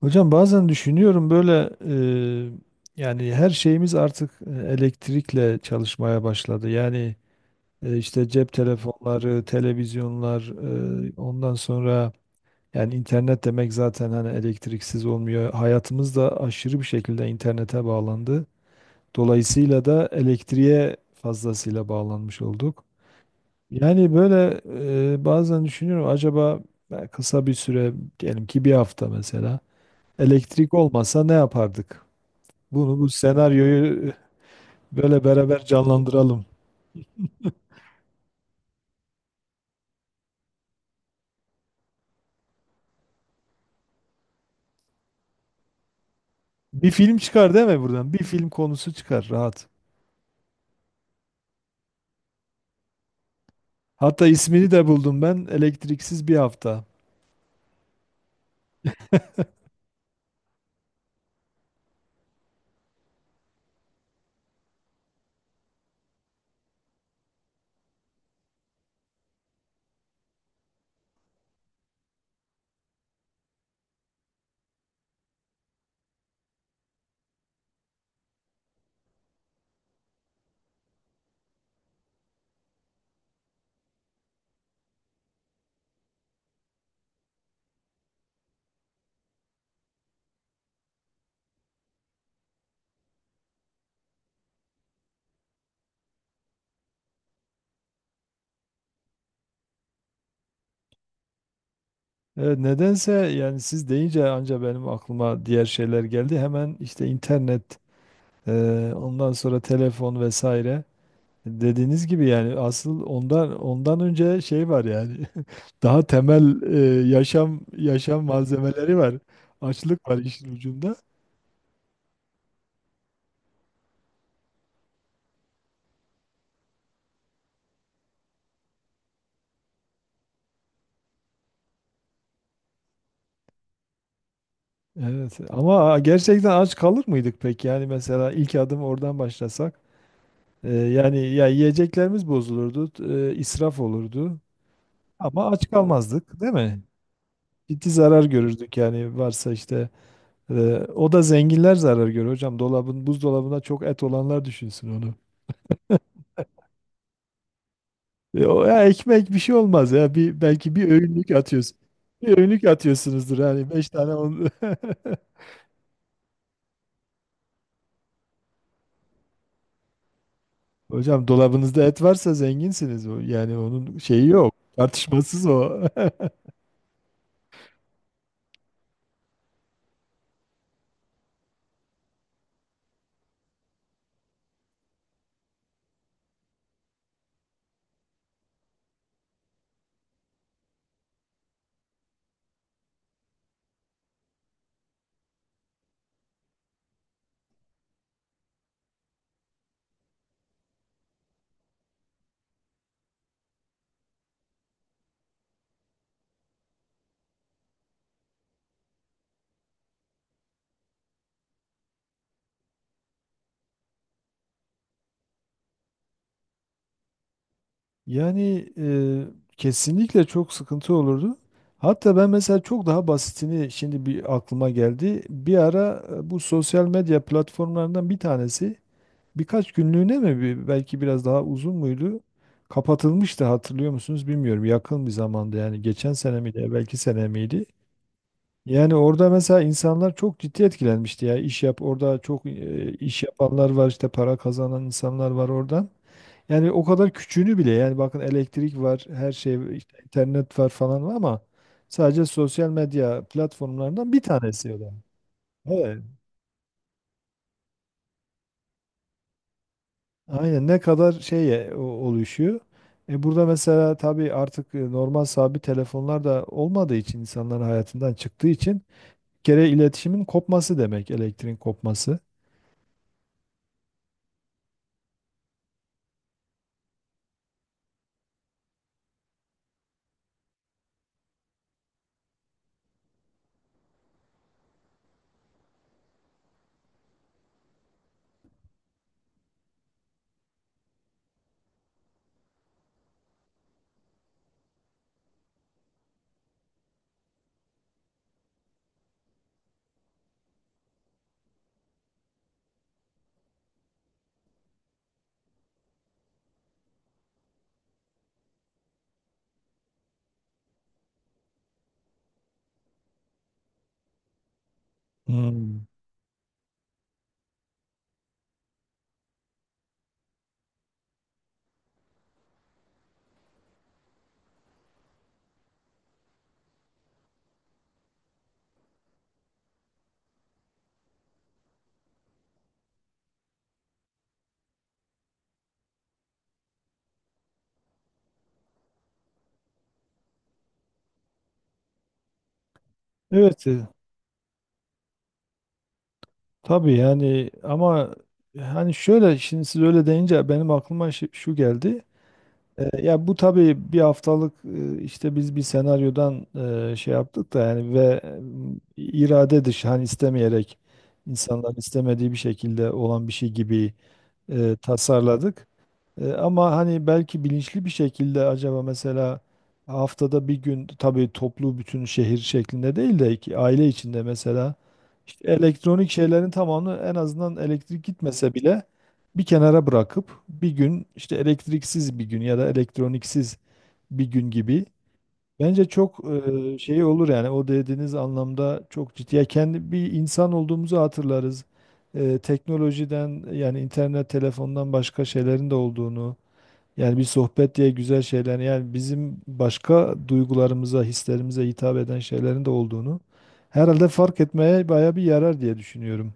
Hocam bazen düşünüyorum böyle yani her şeyimiz artık elektrikle çalışmaya başladı. Yani işte cep telefonları, televizyonlar, ondan sonra yani internet demek zaten hani elektriksiz olmuyor. Hayatımız da aşırı bir şekilde internete bağlandı. Dolayısıyla da elektriğe fazlasıyla bağlanmış olduk. Yani böyle bazen düşünüyorum acaba kısa bir süre diyelim ki bir hafta mesela. Elektrik olmasa ne yapardık? Bunu bu senaryoyu böyle beraber canlandıralım. Bir film çıkar değil mi buradan? Bir film konusu çıkar rahat. Hatta ismini de buldum ben. Elektriksiz bir hafta. Evet, nedense yani siz deyince anca benim aklıma diğer şeyler geldi. Hemen işte internet, e, ondan sonra telefon vesaire. Dediğiniz gibi yani asıl ondan önce şey var yani. Daha temel yaşam malzemeleri var. Açlık var işin ucunda. Evet ama gerçekten aç kalır mıydık peki? Yani mesela ilk adım oradan başlasak yani ya yiyeceklerimiz bozulurdu, israf olurdu ama aç kalmazdık değil mi? Ciddi zarar görürdük yani varsa işte e, o da zenginler zarar görür hocam. Buzdolabına çok et olanlar düşünsün onu. E, o ya ekmek bir şey olmaz ya bir belki bir öğünlük atıyorsun. Bir öğünlük atıyorsunuzdur yani beş tane on... Hocam dolabınızda et varsa zenginsiniz. Yani onun şeyi yok. Tartışmasız o. Yani kesinlikle çok sıkıntı olurdu. Hatta ben mesela çok daha basitini şimdi bir aklıma geldi. Bir ara bu sosyal medya platformlarından bir tanesi birkaç günlüğüne mi belki biraz daha uzun muydu? Kapatılmıştı hatırlıyor musunuz bilmiyorum. Yakın bir zamanda yani geçen sene miydi, belki sene miydi? Yani orada mesela insanlar çok ciddi etkilenmişti ya. İş yap Orada çok iş yapanlar var işte para kazanan insanlar var oradan. Yani o kadar küçüğünü bile yani bakın elektrik var, her şey var, işte internet var falan var ama sadece sosyal medya platformlarından bir tanesi o da. Evet. Aynen ne kadar şeye oluşuyor. E burada mesela tabii artık normal sabit telefonlar da olmadığı için insanların hayatından çıktığı için bir kere iletişimin kopması demek elektriğin kopması. Hmm. Evet, tabii yani ama hani şöyle şimdi siz öyle deyince benim aklıma şu geldi. E, ya bu tabii bir haftalık işte biz bir senaryodan şey yaptık da yani ve irade dışı hani istemeyerek insanların istemediği bir şekilde olan bir şey gibi tasarladık. E, ama hani belki bilinçli bir şekilde acaba mesela haftada bir gün tabii toplu bütün şehir şeklinde değil de ki aile içinde mesela işte elektronik şeylerin tamamını en azından elektrik gitmese bile bir kenara bırakıp bir gün işte elektriksiz bir gün ya da elektroniksiz bir gün gibi bence çok şey olur yani o dediğiniz anlamda çok ciddi. Ya kendi bir insan olduğumuzu hatırlarız. E, teknolojiden yani internet telefondan başka şeylerin de olduğunu yani bir sohbet diye güzel şeyler yani bizim başka duygularımıza hislerimize hitap eden şeylerin de olduğunu herhalde fark etmeye baya bir yarar diye düşünüyorum.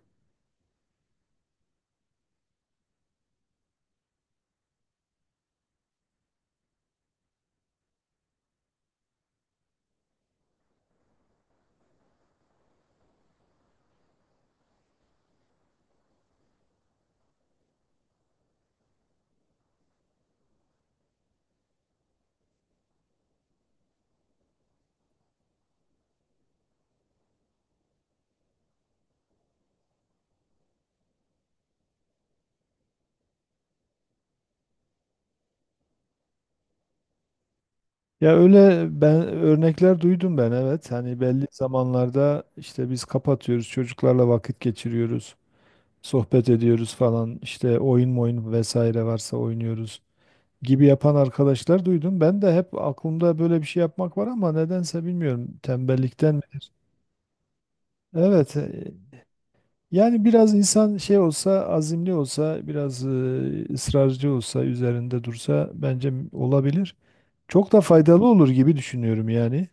Ya öyle ben örnekler duydum ben evet. Hani belli zamanlarda işte biz kapatıyoruz, çocuklarla vakit geçiriyoruz, sohbet ediyoruz falan. İşte oyun vesaire varsa oynuyoruz gibi yapan arkadaşlar duydum. Ben de hep aklımda böyle bir şey yapmak var ama nedense bilmiyorum tembellikten midir? Evet. Yani biraz insan şey olsa, azimli olsa, biraz ısrarcı olsa, üzerinde dursa bence olabilir. Çok da faydalı olur gibi düşünüyorum yani.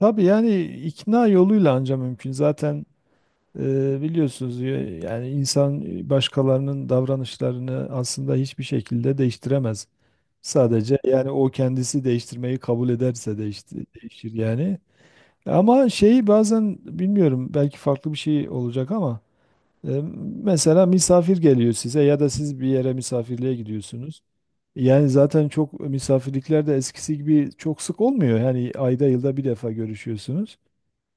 Tabii yani ikna yoluyla anca mümkün. Zaten biliyorsunuz yani insan başkalarının davranışlarını aslında hiçbir şekilde değiştiremez. Sadece yani o kendisi değiştirmeyi kabul ederse değişir yani. Ama şeyi bazen bilmiyorum belki farklı bir şey olacak ama e, mesela misafir geliyor size ya da siz bir yere misafirliğe gidiyorsunuz. Yani zaten çok misafirlikler de eskisi gibi çok sık olmuyor. Yani ayda yılda bir defa görüşüyorsunuz.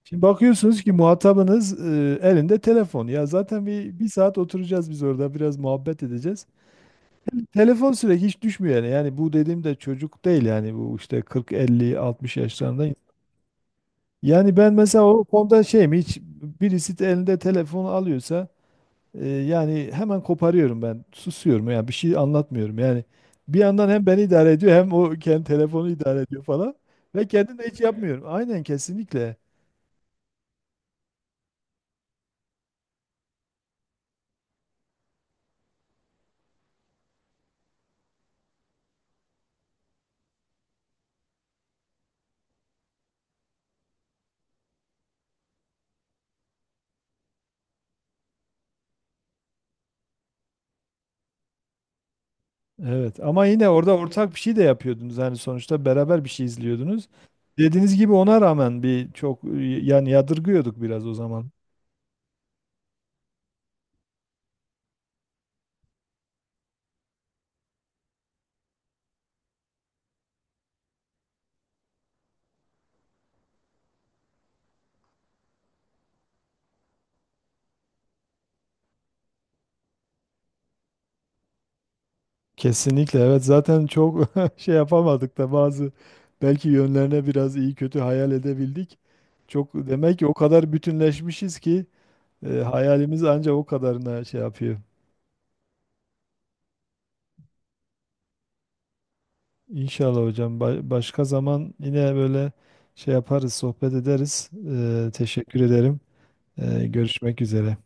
Şimdi bakıyorsunuz ki muhatabınız elinde telefon. Ya zaten bir saat oturacağız biz orada biraz muhabbet edeceğiz. Telefon sürekli hiç düşmüyor yani. Yani bu dediğim de çocuk değil yani bu işte 40, 50, 60 yaşlarında. Yani ben mesela o konuda şeyim hiç birisi de elinde telefonu alıyorsa yani hemen koparıyorum ben. Susuyorum yani bir şey anlatmıyorum yani. Bir yandan hem beni idare ediyor hem o kendi telefonu idare ediyor falan. Ve kendim de hiç yapmıyorum. Aynen kesinlikle. Evet ama yine orada ortak bir şey de yapıyordunuz yani sonuçta beraber bir şey izliyordunuz. Dediğiniz gibi ona rağmen bir çok yani yadırgıyorduk biraz o zaman. Kesinlikle evet zaten çok şey yapamadık da bazı belki yönlerine biraz iyi kötü hayal edebildik. Çok demek ki o kadar bütünleşmişiz ki hayalimiz ancak o kadarına şey yapıyor. İnşallah hocam başka zaman yine böyle şey yaparız sohbet ederiz. E, teşekkür ederim. E, görüşmek üzere.